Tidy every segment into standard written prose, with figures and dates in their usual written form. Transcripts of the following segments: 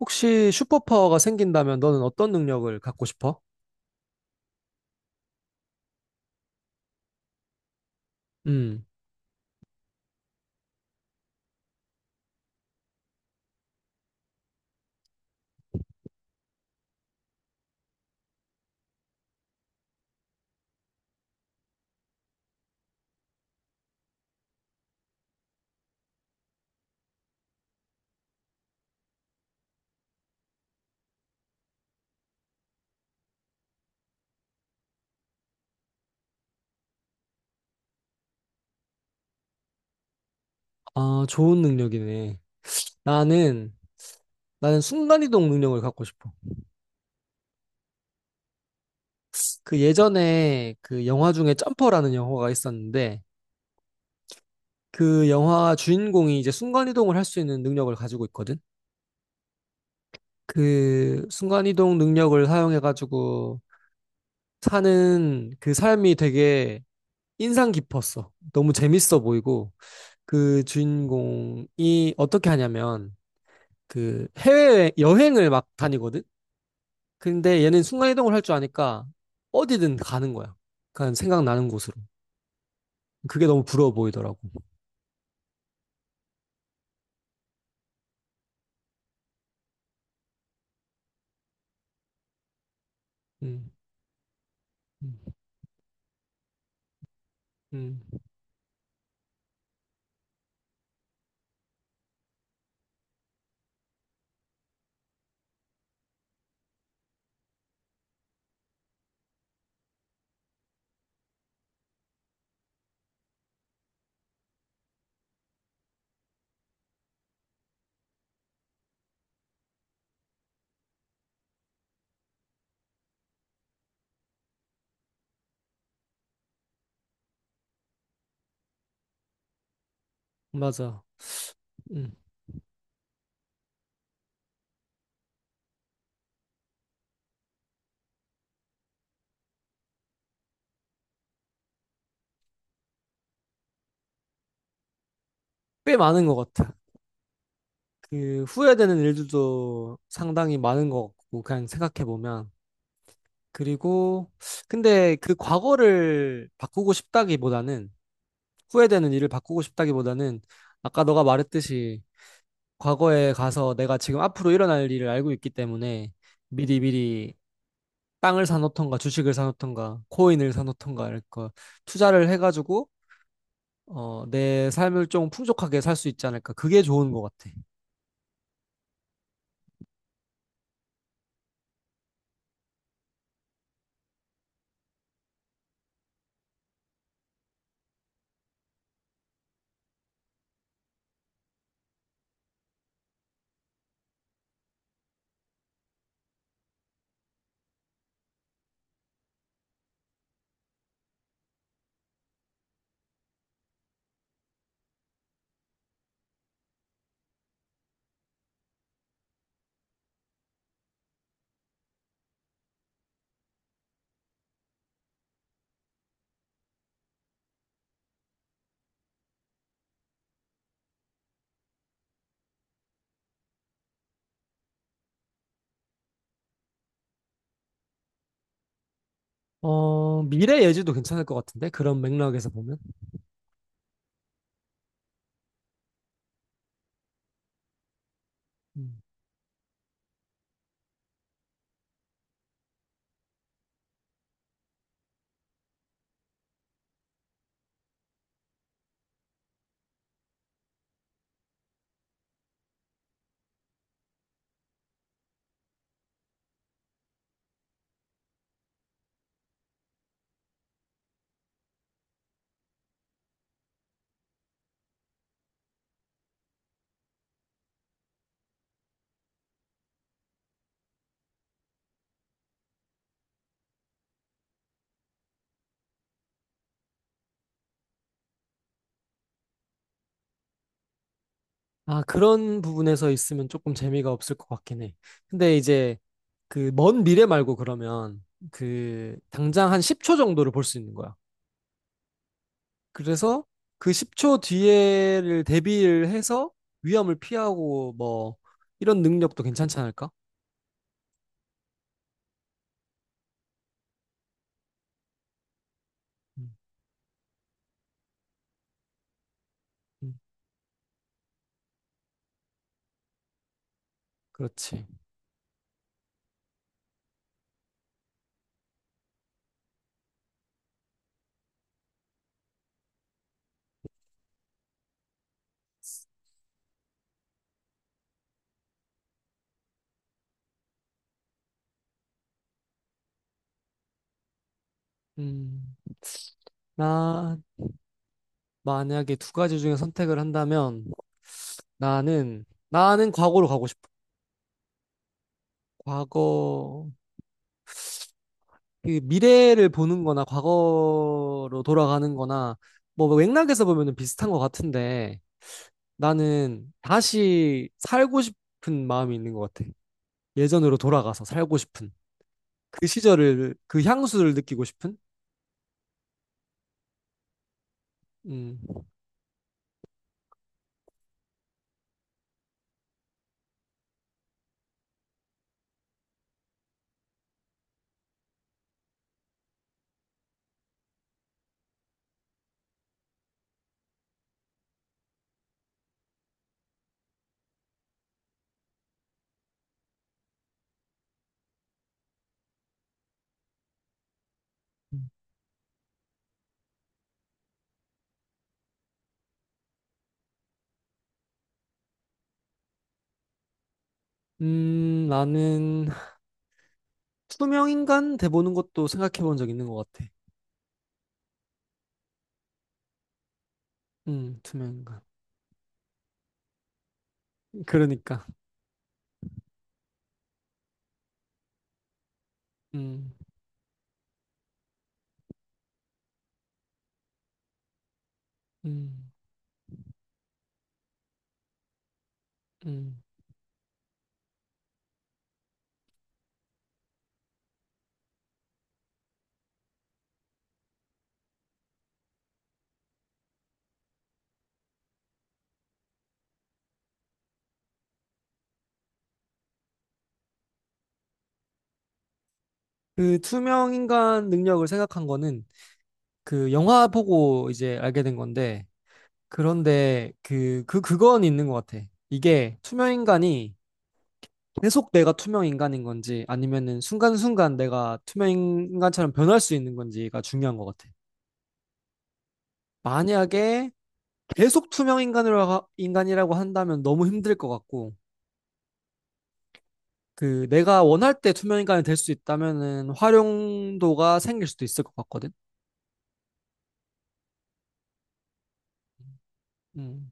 혹시 슈퍼파워가 생긴다면 너는 어떤 능력을 갖고 싶어? 음, 아, 좋은 능력이네. 나는, 나는 순간이동 능력을 갖고 싶어. 그 예전에 그 영화 중에 점퍼라는 영화가 있었는데, 그 영화 주인공이 이제 순간이동을 할 수 있는 능력을 가지고 있거든? 그 순간이동 능력을 사용해가지고 사는 그 삶이 되게 인상 깊었어. 너무 재밌어 보이고, 그 주인공이 어떻게 하냐면, 그 해외 여행을 막 다니거든? 근데 얘는 순간이동을 할 줄 아니까 어디든 가는 거야. 그냥 생각나는 곳으로. 그게 너무 부러워 보이더라고. 음, 음, 음, 맞아. 음. 꽤 많은 것 같아. 그 후회되는 일들도 상당히 많은 것 같고, 그냥 생각해보면. 그리고, 근데 그 과거를 바꾸고 싶다기보다는, 후회되는 일을 바꾸고 싶다기보다는, 아까 너가 말했듯이 과거에 가서 내가 지금 앞으로 일어날 일을 알고 있기 때문에 미리 미리 땅을 사놓던가 주식을 사놓던가 코인을 사놓던가 이렇게 투자를 해가지고 어, 내 삶을 좀 풍족하게 살 수 있지 않을까. 그게 좋은 것 같아. 어, 미래 예지도 괜찮을 것 같은데? 그런 맥락에서 보면. 음. 아, 그런 부분에서 있으면 조금 재미가 없을 것 같긴 해. 근데 이제 그 먼 미래 말고 그러면 그 당장 한 10초 정도를 볼 수 있는 거야. 그래서 그 10초 뒤에를 대비를 해서 위험을 피하고 뭐 이런 능력도 괜찮지 않을까? 음, 음, 그렇지. 음, 나 만약에 두 가지 중에 선택을 한다면 나는 나는 과거로 가고 싶어. 과거 그 미래를 보는 거나 과거로 돌아가는 거나 뭐 맥락에서 보면은 비슷한 것 같은데 나는 다시 살고 싶은 마음이 있는 것 같아. 예전으로 돌아가서 살고 싶은. 그 시절을 그 향수를 느끼고 싶은? 음, 나는 투명인간 돼보는 것도 생각해본 적 있는 것 같아. 투명인간. 그러니까. 음, 음, 음. 그 투명인간 능력을 생각한 거는 그 영화 보고 이제 알게 된 건데, 그런데 그건 있는 것 같아. 이게 투명인간이 계속 내가 투명인간인 건지 아니면은 순간순간 내가 투명인간처럼 변할 수 있는 건지가 중요한 것 같아. 만약에 계속 투명 인간으로 인간이라고 한다면 너무 힘들 것 같고 그 내가 원할 때 투명 인간이 될 수 있다면은 활용도가 생길 수도 있을 것 같거든. 음,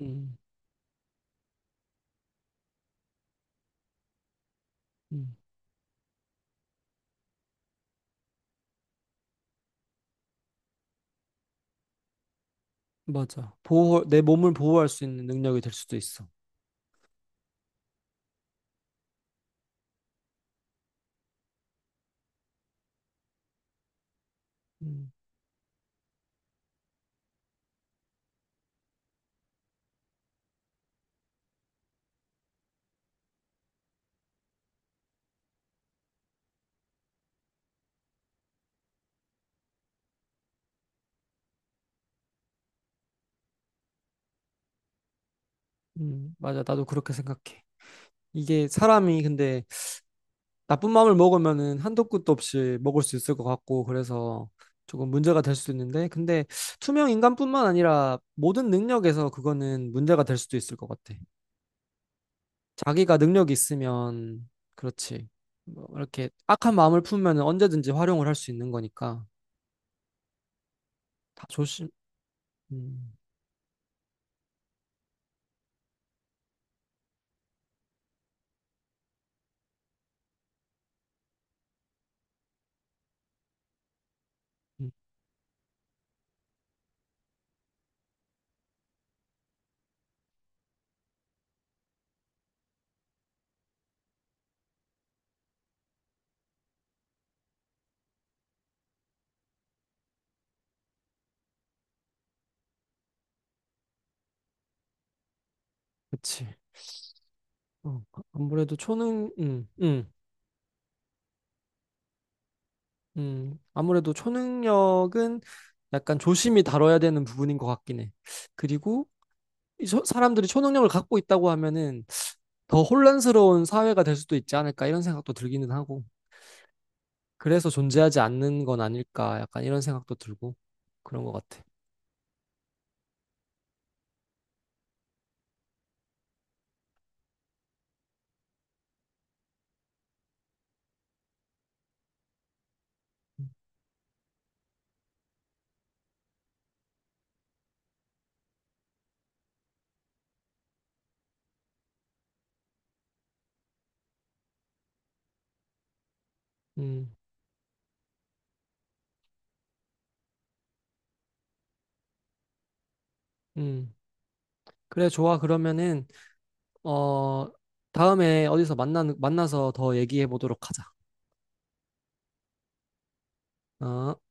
음, 음, 맞아. 보호 내 몸을 보호할 수 있는 능력이 될 수도 있어. 음, 맞아. 나도 그렇게 생각해. 이게 사람이 근데 나쁜 마음을 먹으면은 한도 끝도 없이 먹을 수 있을 것 같고 그래서 조금 문제가 될 수 있는데 근데 투명 인간뿐만 아니라 모든 능력에서 그거는 문제가 될 수도 있을 것 같아. 자기가 능력이 있으면 그렇지. 뭐 이렇게 악한 마음을 품으면 언제든지 활용을 할 수 있는 거니까 다 조심. 음, 음, 그치. 아무래도 아무래도 초능력은 약간 조심히 다뤄야 되는 부분인 것 같긴 해. 그리고 이 사람들이 초능력을 갖고 있다고 하면은 더 혼란스러운 사회가 될 수도 있지 않을까 이런 생각도 들기는 하고. 그래서 존재하지 않는 건 아닐까 약간 이런 생각도 들고 그런 것 같아. 음, 음. 그래, 좋아. 그러면은, 어, 다음에 어디서 만나서 더 얘기해 보도록 하자. 어?